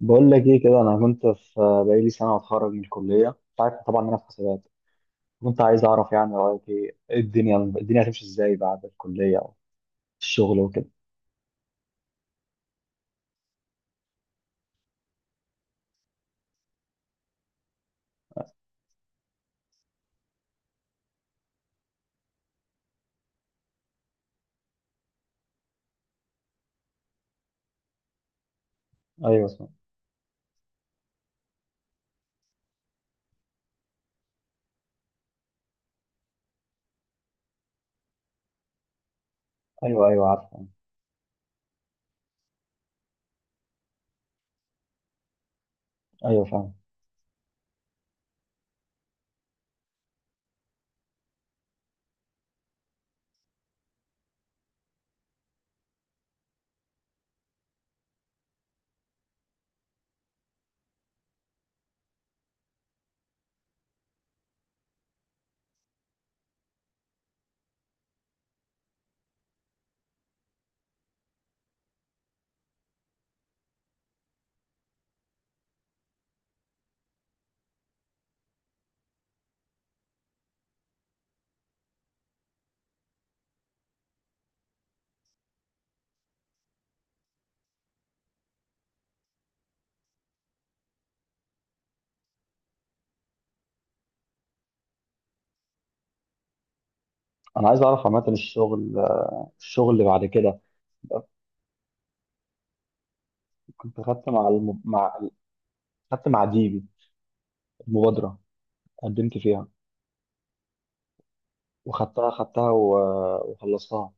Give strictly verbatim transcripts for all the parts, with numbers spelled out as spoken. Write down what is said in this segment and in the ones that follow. بقول لك ايه كده. انا كنت في بقالي سنه اتخرج من الكليه. انت عارف طبعا ان انا في حسابات. كنت عايز اعرف يعني رايك ايه إيه الدنيا الدنيا هتمشي ازاي بعد الكليه او الشغل وكده؟ ايوه صح. ايوه ايوه عارف. ايوه فاهم. انا عايز اعرف عامه الشغل الشغل اللي بعد كده. كنت خدت مع الم... مع خدت مع ديبي، المبادره قدمت فيها، وخدتها خدتها و... وخلصتها.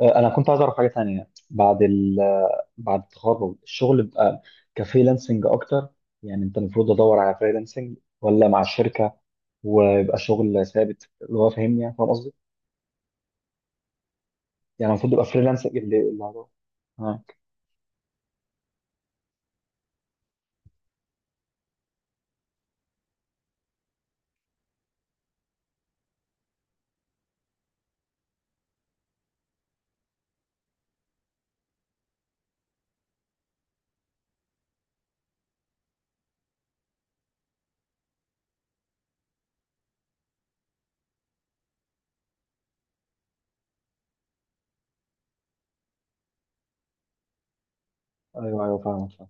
آه، انا كنت عايز اعرف حاجه تانية بعد ال آه، بعد التخرج، الشغل بقى كفريلانسنج اكتر. يعني انت المفروض ادور على فريلانسنج ولا مع الشركه ويبقى شغل ثابت، اللي هو فاهمني يعني فاهم قصدي؟ يعني المفروض يبقى فريلانسنج اللي اللي هدور. اه. ايوه ايوه فاهمك فاهم.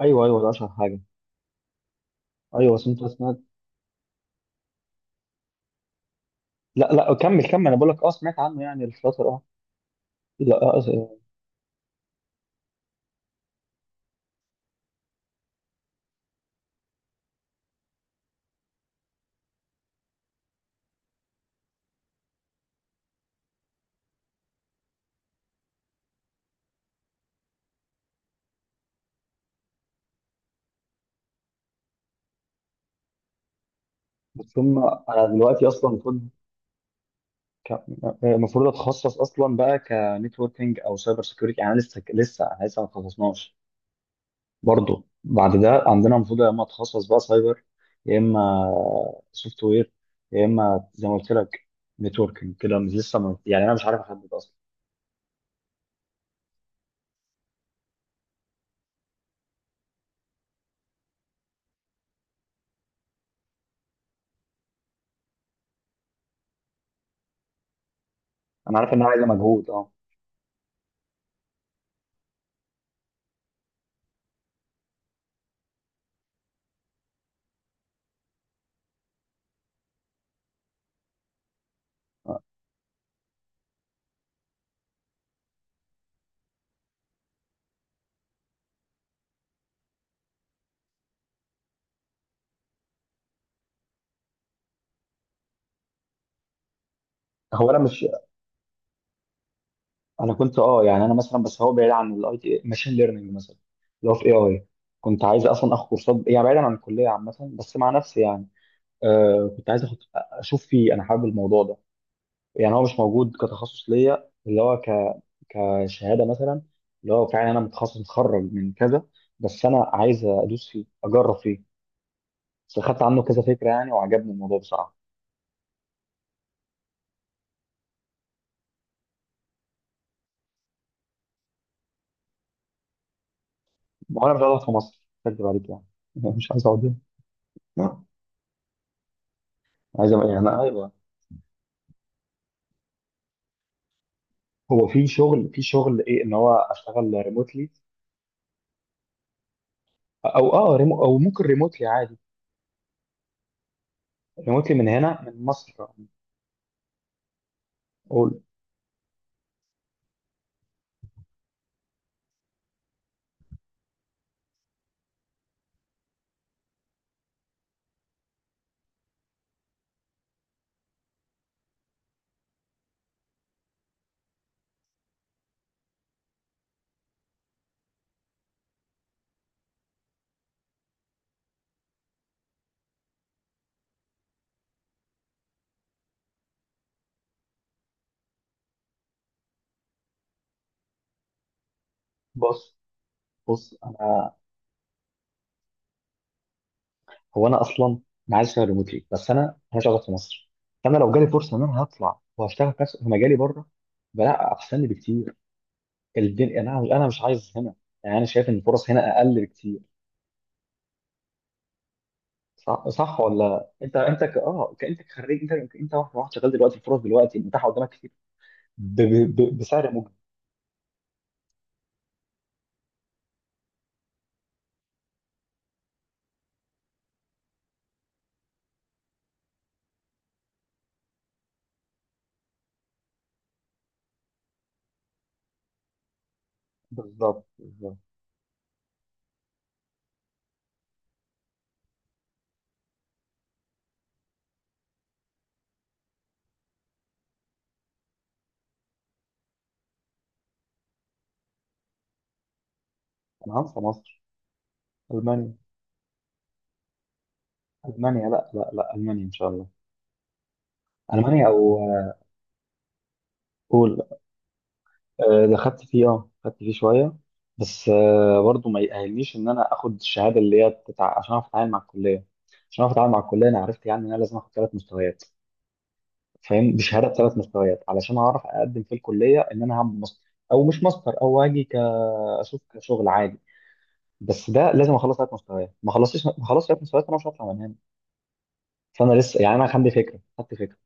ايوه ايوه ده اشهر حاجه. ايوه بس انت سمعت. لا لا كمل كمل، انا بقول لك اه سمعت عنه يعني الفتره اه. لا آه، بس هم. انا دلوقتي اصلا المفروض ك- المفروض اتخصص اصلا بقى كنتوركينج او سايبر سيكيورتي. يعني لسه لسه أنا لسه ما اتخصصناش. برضه بعد ده عندنا المفروض يا اما اتخصص بقى سايبر، يا اما سوفت وير، يا اما زي ما قلت لك نتوركينج كده، مش لسه ما- يعني انا مش عارف احدد اصلا. انا عارف انها عايزه مجهود اه. هو انا مش. انا كنت اه يعني انا مثلا، بس هو بعيد عن الاي تي، ماشين ليرنينج مثلا اللي هو في اي اي. كنت عايز اصلا اخد كورسات يعني بعيدا عن الكليه عامه، بس مع نفسي يعني. آه كنت عايز أخد اشوف فيه، انا حابب الموضوع ده. يعني هو مش موجود كتخصص ليا، اللي هو ك كشهاده مثلا، اللي هو فعلا انا متخصص متخرج من كذا. بس انا عايز ادوس فيه اجرب فيه. بس خدت عنه كذا فكره يعني، وعجبني الموضوع بصراحه. وانا مش عايز اقعد في مصر، مش هكدب عليك يعني. مش عايز اقعد هنا آه. عايز أبقى- يعني ايوه. هو في شغل في شغل ايه ان هو اشتغل ريموتلي، او اه ريمو او ممكن ريموتلي عادي. ريموتلي من هنا من مصر. اقول. بص بص انا. هو انا اصلا. انا عايز اشتغل ريموتلي بس انا مش قاعد في مصر. فانا لو جالي فرصه ان انا هطلع وهشتغل في نفس- في مجالي بره، بلا احسن لي بكتير. الدنيا انا انا مش عايز هنا، يعني انا شايف ان الفرص هنا اقل بكتير. صح، صح. ولا انت انت ك... اه ك- انت كخريج، انت انت واحد واحد شغال دلوقتي، الفرص دلوقتي متاحه قدامك كتير ب... ب... ب... بسعر مجزي. بالظبط بالظبط. انا هنسى مصر، المانيا. المانيا، لا لا لا، المانيا ان شاء الله. المانيا او. قول. آه، ده خدت فيه اه، خدت فيه شويه. بس آه، برضه ما يأهلنيش ان انا اخد الشهاده اللي هي بتاع، عشان اعرف اتعامل مع الكليه. عشان اعرف اتعامل مع الكليه، انا عرفت يعني ان انا لازم اخد ثلاث مستويات. فاهم، دي شهاده بثلاث مستويات علشان اعرف اقدم في الكليه، ان انا هعمل ماستر او مش ماستر، او اجي ك اشوف كشغل عادي. بس ده لازم اخلص ثلاث مستويات، ما خلصتش ما خلصتش ثلاث مستويات انا مش هطلع من هنا. فانا لسه يعني، انا عندي فكره، خدت فكره.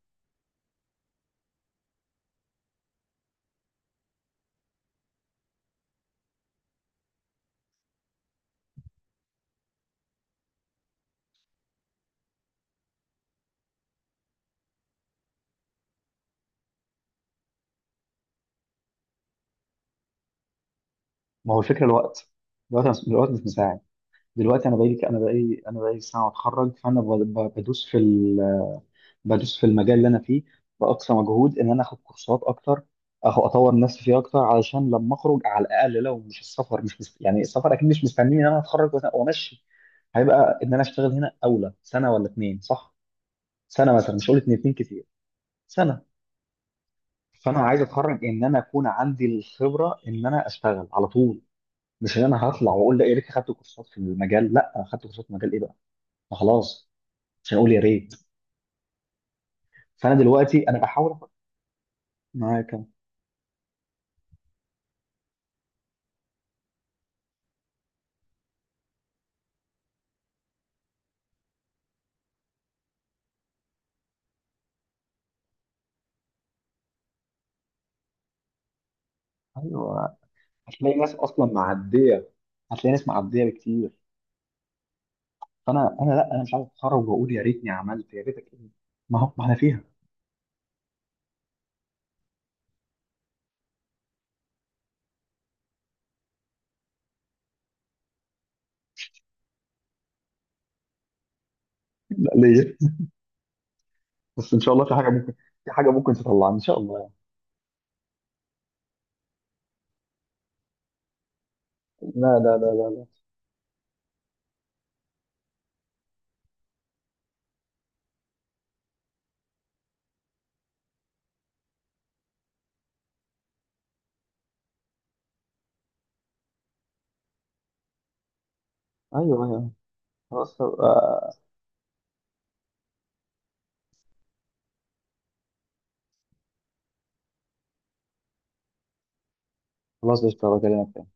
ما هو الفكره، الوقت الوقت الوقت مش مساعد. دلوقتي انا بقالي انا بقالي انا بقالي سنه اتخرج، فانا ب- ب- بدوس في ال- بدوس في المجال اللي انا فيه باقصى مجهود ان انا اخد كورسات اكتر، اخو اطور نفسي فيه اكتر، علشان لما اخرج على الاقل، لو مش السفر مش مست... يعني السفر اكيد مش مستنيني ان انا اتخرج وأنا- وامشي، هيبقى ان انا اشتغل هنا اولى سنه ولا اتنين؟ صح، سنه مثلا، مش هقول اتنين، اتنين كتير. سنه. فانا عايز اتخرج ان انا اكون عندي الخبره ان انا اشتغل على طول، مش ان انا هطلع واقول لا يا ريت اخدت كورسات في المجال. لا اخدت كورسات في المجال ايه بقى، ما خلاص، عشان اقول يا ريت. فانا دلوقتي انا بحاول أفكر. معاك أنا. ايوه، هتلاقي ناس اصلا معديه، هتلاقي ناس معديه بكتير. فانا انا لا انا مش عايز اتخرج واقول يا ريتني عملت، يا ريتك ايه. ما هو ما احنا فيها. لا ليه، بس ان شاء الله في حاجه ممكن، في حاجه ممكن تطلعنا ان شاء الله يعني. لا لا لا لا. ايوه ايوه. خلاص آه، خلاص قشطة، بكلمك تاني.